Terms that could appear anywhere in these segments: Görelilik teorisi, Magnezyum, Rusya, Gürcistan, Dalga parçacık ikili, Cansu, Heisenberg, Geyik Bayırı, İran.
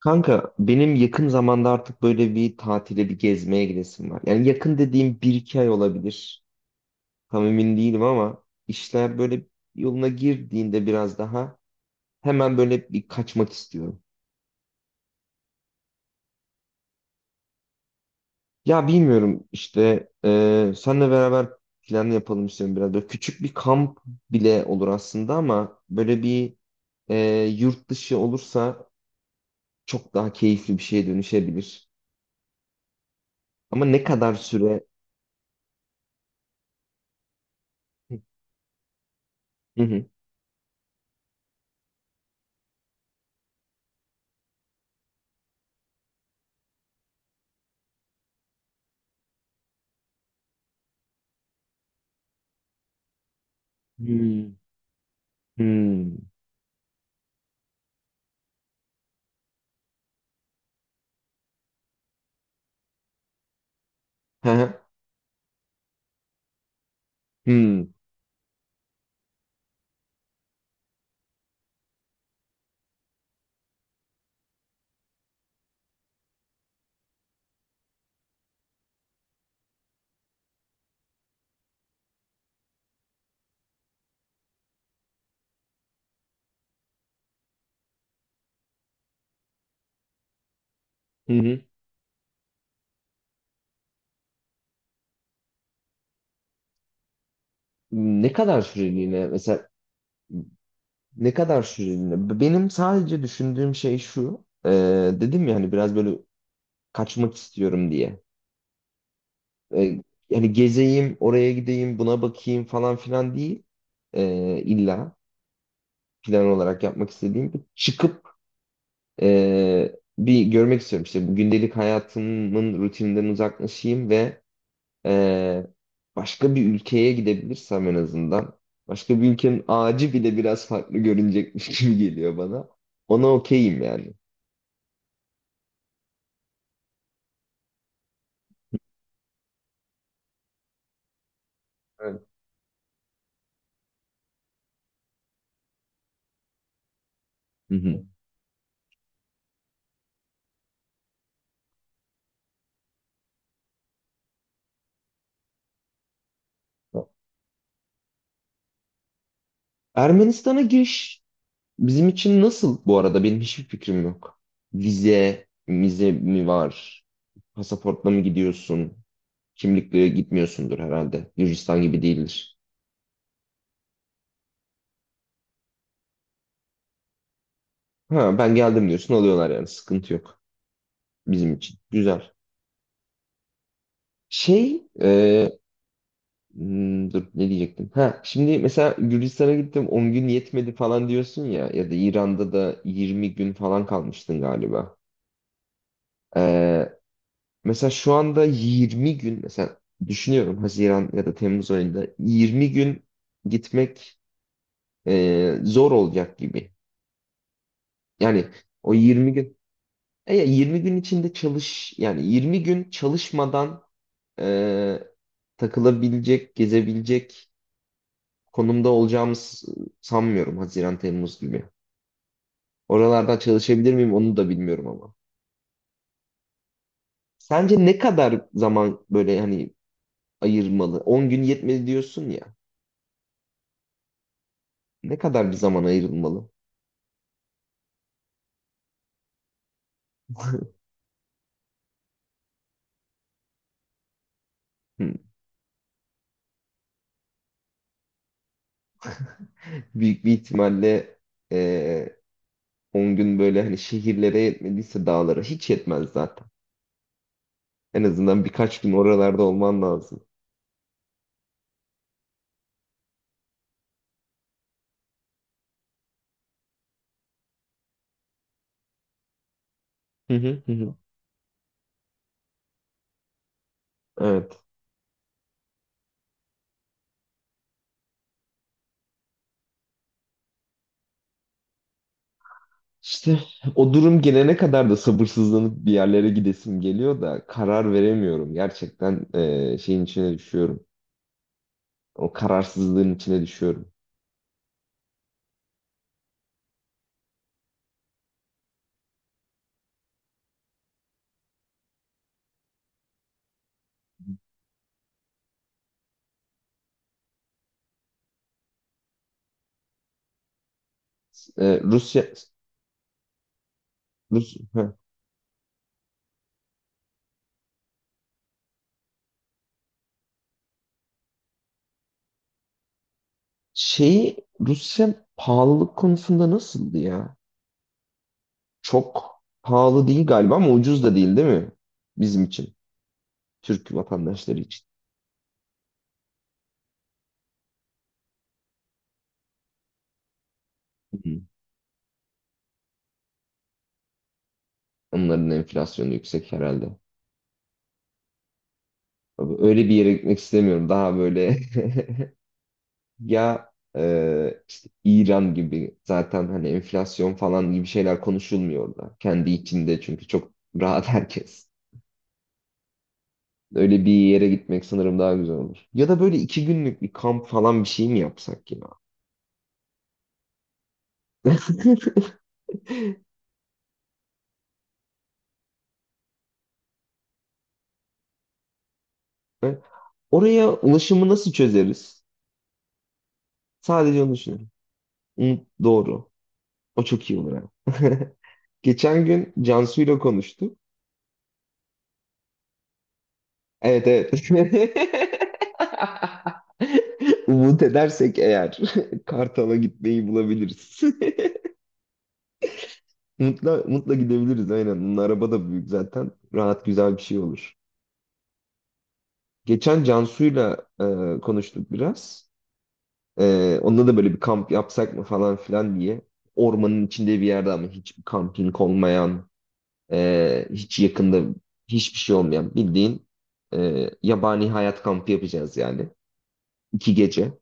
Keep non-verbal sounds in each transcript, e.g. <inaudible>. Kanka benim yakın zamanda artık böyle bir tatile bir gezmeye gidesim var. Yani yakın dediğim bir iki ay olabilir. Tam emin değilim ama işler böyle yoluna girdiğinde biraz daha hemen böyle bir kaçmak istiyorum. Ya bilmiyorum işte senle beraber plan yapalım istiyorum biraz. Böyle küçük bir kamp bile olur aslında ama böyle bir e, yurt dışı olursa çok daha keyifli bir şeye dönüşebilir. Ama ne kadar süre... Hı hı. Hmm. Hmm. Hı hı. Hmm. Hı hı. Ne kadar süreliğine mesela, ne kadar süreliğine? Benim sadece düşündüğüm şey şu. Dedim ya hani biraz böyle kaçmak istiyorum diye. E, Yani gezeyim, oraya gideyim, buna bakayım falan filan değil. E, illa plan olarak yapmak istediğim bir çıkıp bir görmek istiyorum. İşte bu gündelik hayatımın rutininden uzaklaşayım ve Ee, başka bir ülkeye gidebilirsem en azından. Başka bir ülkenin ağacı bile biraz farklı görünecekmiş <laughs> gibi geliyor bana. Ona okeyim yani. Evet. Hı hı. Ermenistan'a giriş bizim için nasıl bu arada? Benim hiçbir fikrim yok. Vize mi var? Pasaportla mı gidiyorsun? Kimlikle gitmiyorsundur herhalde. Gürcistan gibi değildir. Ha, ben geldim diyorsun alıyorlar yani sıkıntı yok bizim için. Güzel. Şey, e, dur ne diyecektim? Ha, şimdi mesela Gürcistan'a gittim 10 gün yetmedi falan diyorsun ya ya da İran'da da 20 gün falan kalmıştın galiba. Ee, Mesela şu anda 20 gün mesela düşünüyorum, Haziran ya da Temmuz ayında 20 gün gitmek zor olacak gibi. Yani o 20 gün ya 20 gün içinde çalış yani 20 gün çalışmadan e, takılabilecek, gezebilecek konumda olacağımı sanmıyorum Haziran Temmuz gibi. Oralardan çalışabilir miyim onu da bilmiyorum ama. Sence ne kadar zaman böyle hani ayırmalı? 10 gün yetmedi diyorsun ya. Ne kadar bir zaman ayrılmalı? Hmm. Büyük bir ihtimalle eee 10 gün, böyle hani şehirlere yetmediyse dağlara hiç yetmez zaten. En azından birkaç gün oralarda olman lazım. Hı hı hı, hı. Evet. İşte o durum gelene kadar da sabırsızlanıp bir yerlere gidesim geliyor da karar veremiyorum. Gerçekten şeyin içine düşüyorum. O kararsızlığın içine düşüyorum. Rusya. Rus, ha. Rusya pahalılık konusunda nasıldı ya? Çok pahalı değil galiba ama ucuz da değil, değil mi? Bizim için. Türk vatandaşları için. Hı. Onların enflasyonu yüksek herhalde. Abi, öyle bir yere gitmek istemiyorum. Daha böyle <laughs> ya işte İran gibi zaten hani enflasyon falan gibi şeyler konuşulmuyor orada. Kendi içinde çünkü çok rahat herkes. Öyle bir yere gitmek sanırım daha güzel olur. Ya da böyle iki günlük bir kamp falan bir şey mi yapsak ya? He? <laughs> Oraya ulaşımı nasıl çözeriz? Sadece onu düşünüyorum. Hı, doğru. O çok iyi olur ha. <laughs> Geçen gün Cansu ile konuştuk. Evet, evet. <laughs> Umut edersek eğer <laughs> Kartal'a gitmeyi bulabiliriz. <laughs> Mutla, mutla gidebiliriz aynen. Bunun araba da büyük zaten. Rahat, güzel bir şey olur. Geçen Cansu'yla e, konuştuk biraz. Onda da böyle bir kamp yapsak mı falan filan diye. Ormanın içinde bir yerde ama hiçbir kamping olmayan, hiç yakında hiçbir şey olmayan, bildiğin yabani hayat kampı yapacağız yani. İki gece.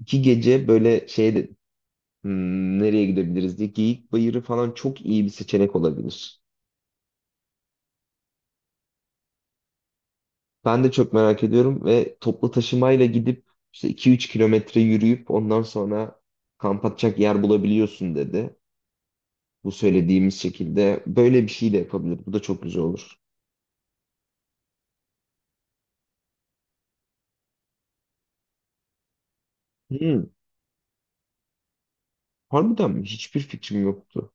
İki gece böyle şey de, nereye gidebiliriz diye, Geyik Bayırı falan çok iyi bir seçenek olabilir. Ben de çok merak ediyorum ve toplu taşımayla gidip işte 2-3 kilometre yürüyüp ondan sonra kamp atacak yer bulabiliyorsun dedi. Bu söylediğimiz şekilde böyle bir şey de yapabilir. Bu da çok güzel olur. Hmm, harbiden mi? Hiçbir fikrim yoktu.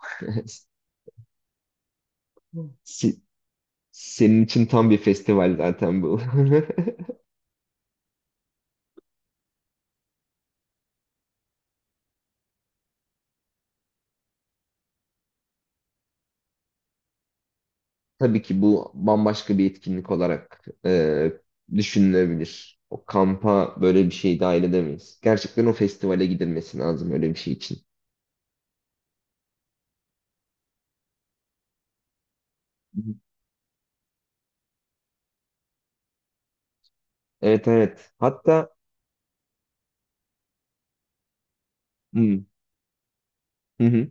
<laughs> Se- Senin için tam bir festival zaten bu. <laughs> Tabii ki bu bambaşka bir etkinlik olarak düşünülebilir. O kampa böyle bir şey dahil edemeyiz. Gerçekten o festivale gidilmesi lazım öyle bir şey için. Hı hı. Evet, evet. Hatta hmm, hı hı.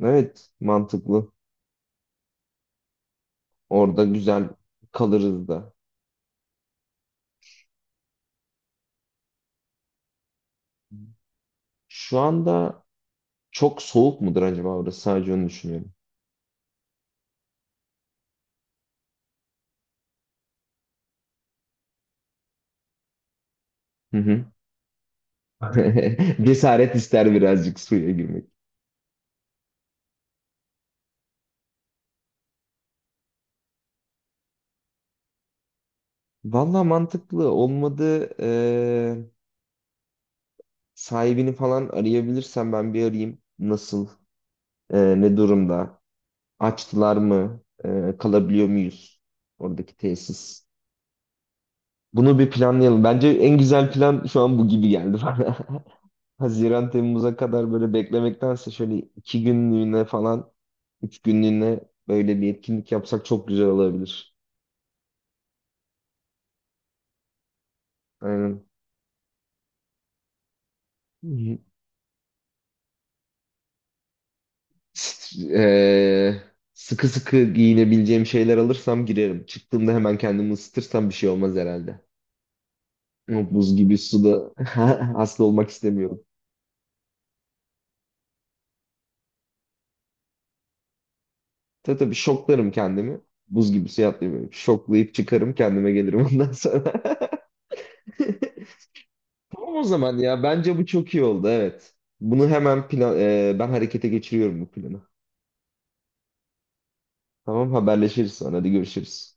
Evet, mantıklı. Orada güzel kalırız da. Şu anda çok soğuk mudur acaba orası? Sadece onu düşünüyorum. Hı hı. <laughs> Cesaret ister birazcık suya girmek. Valla mantıklı. Olmadı sahibini falan arayabilirsem ben bir arayayım. Nasıl? Ne durumda? Açtılar mı? Kalabiliyor muyuz? Oradaki tesis. Bunu bir planlayalım. Bence en güzel plan şu an bu gibi geldi bana. <laughs> Haziran Temmuz'a kadar böyle beklemektense şöyle iki günlüğüne falan, üç günlüğüne böyle bir etkinlik yapsak çok güzel olabilir. Aynen. Hı. S- eee, sıkı sıkı giyinebileceğim şeyler alırsam girerim. Çıktığımda hemen kendimi ısıtırsam bir şey olmaz herhalde. Ama buz gibi suda <laughs> hasta olmak istemiyorum. Tabii, tabii, şoklarım kendimi. Buz gibi suya atlayayım. Şoklayıp çıkarım, kendime gelirim ondan sonra. <laughs> Tamam o zaman ya. Bence bu çok iyi oldu. Evet. Bunu hemen ben harekete geçiriyorum bu planı. Tamam, haberleşiriz sonra. Hadi görüşürüz.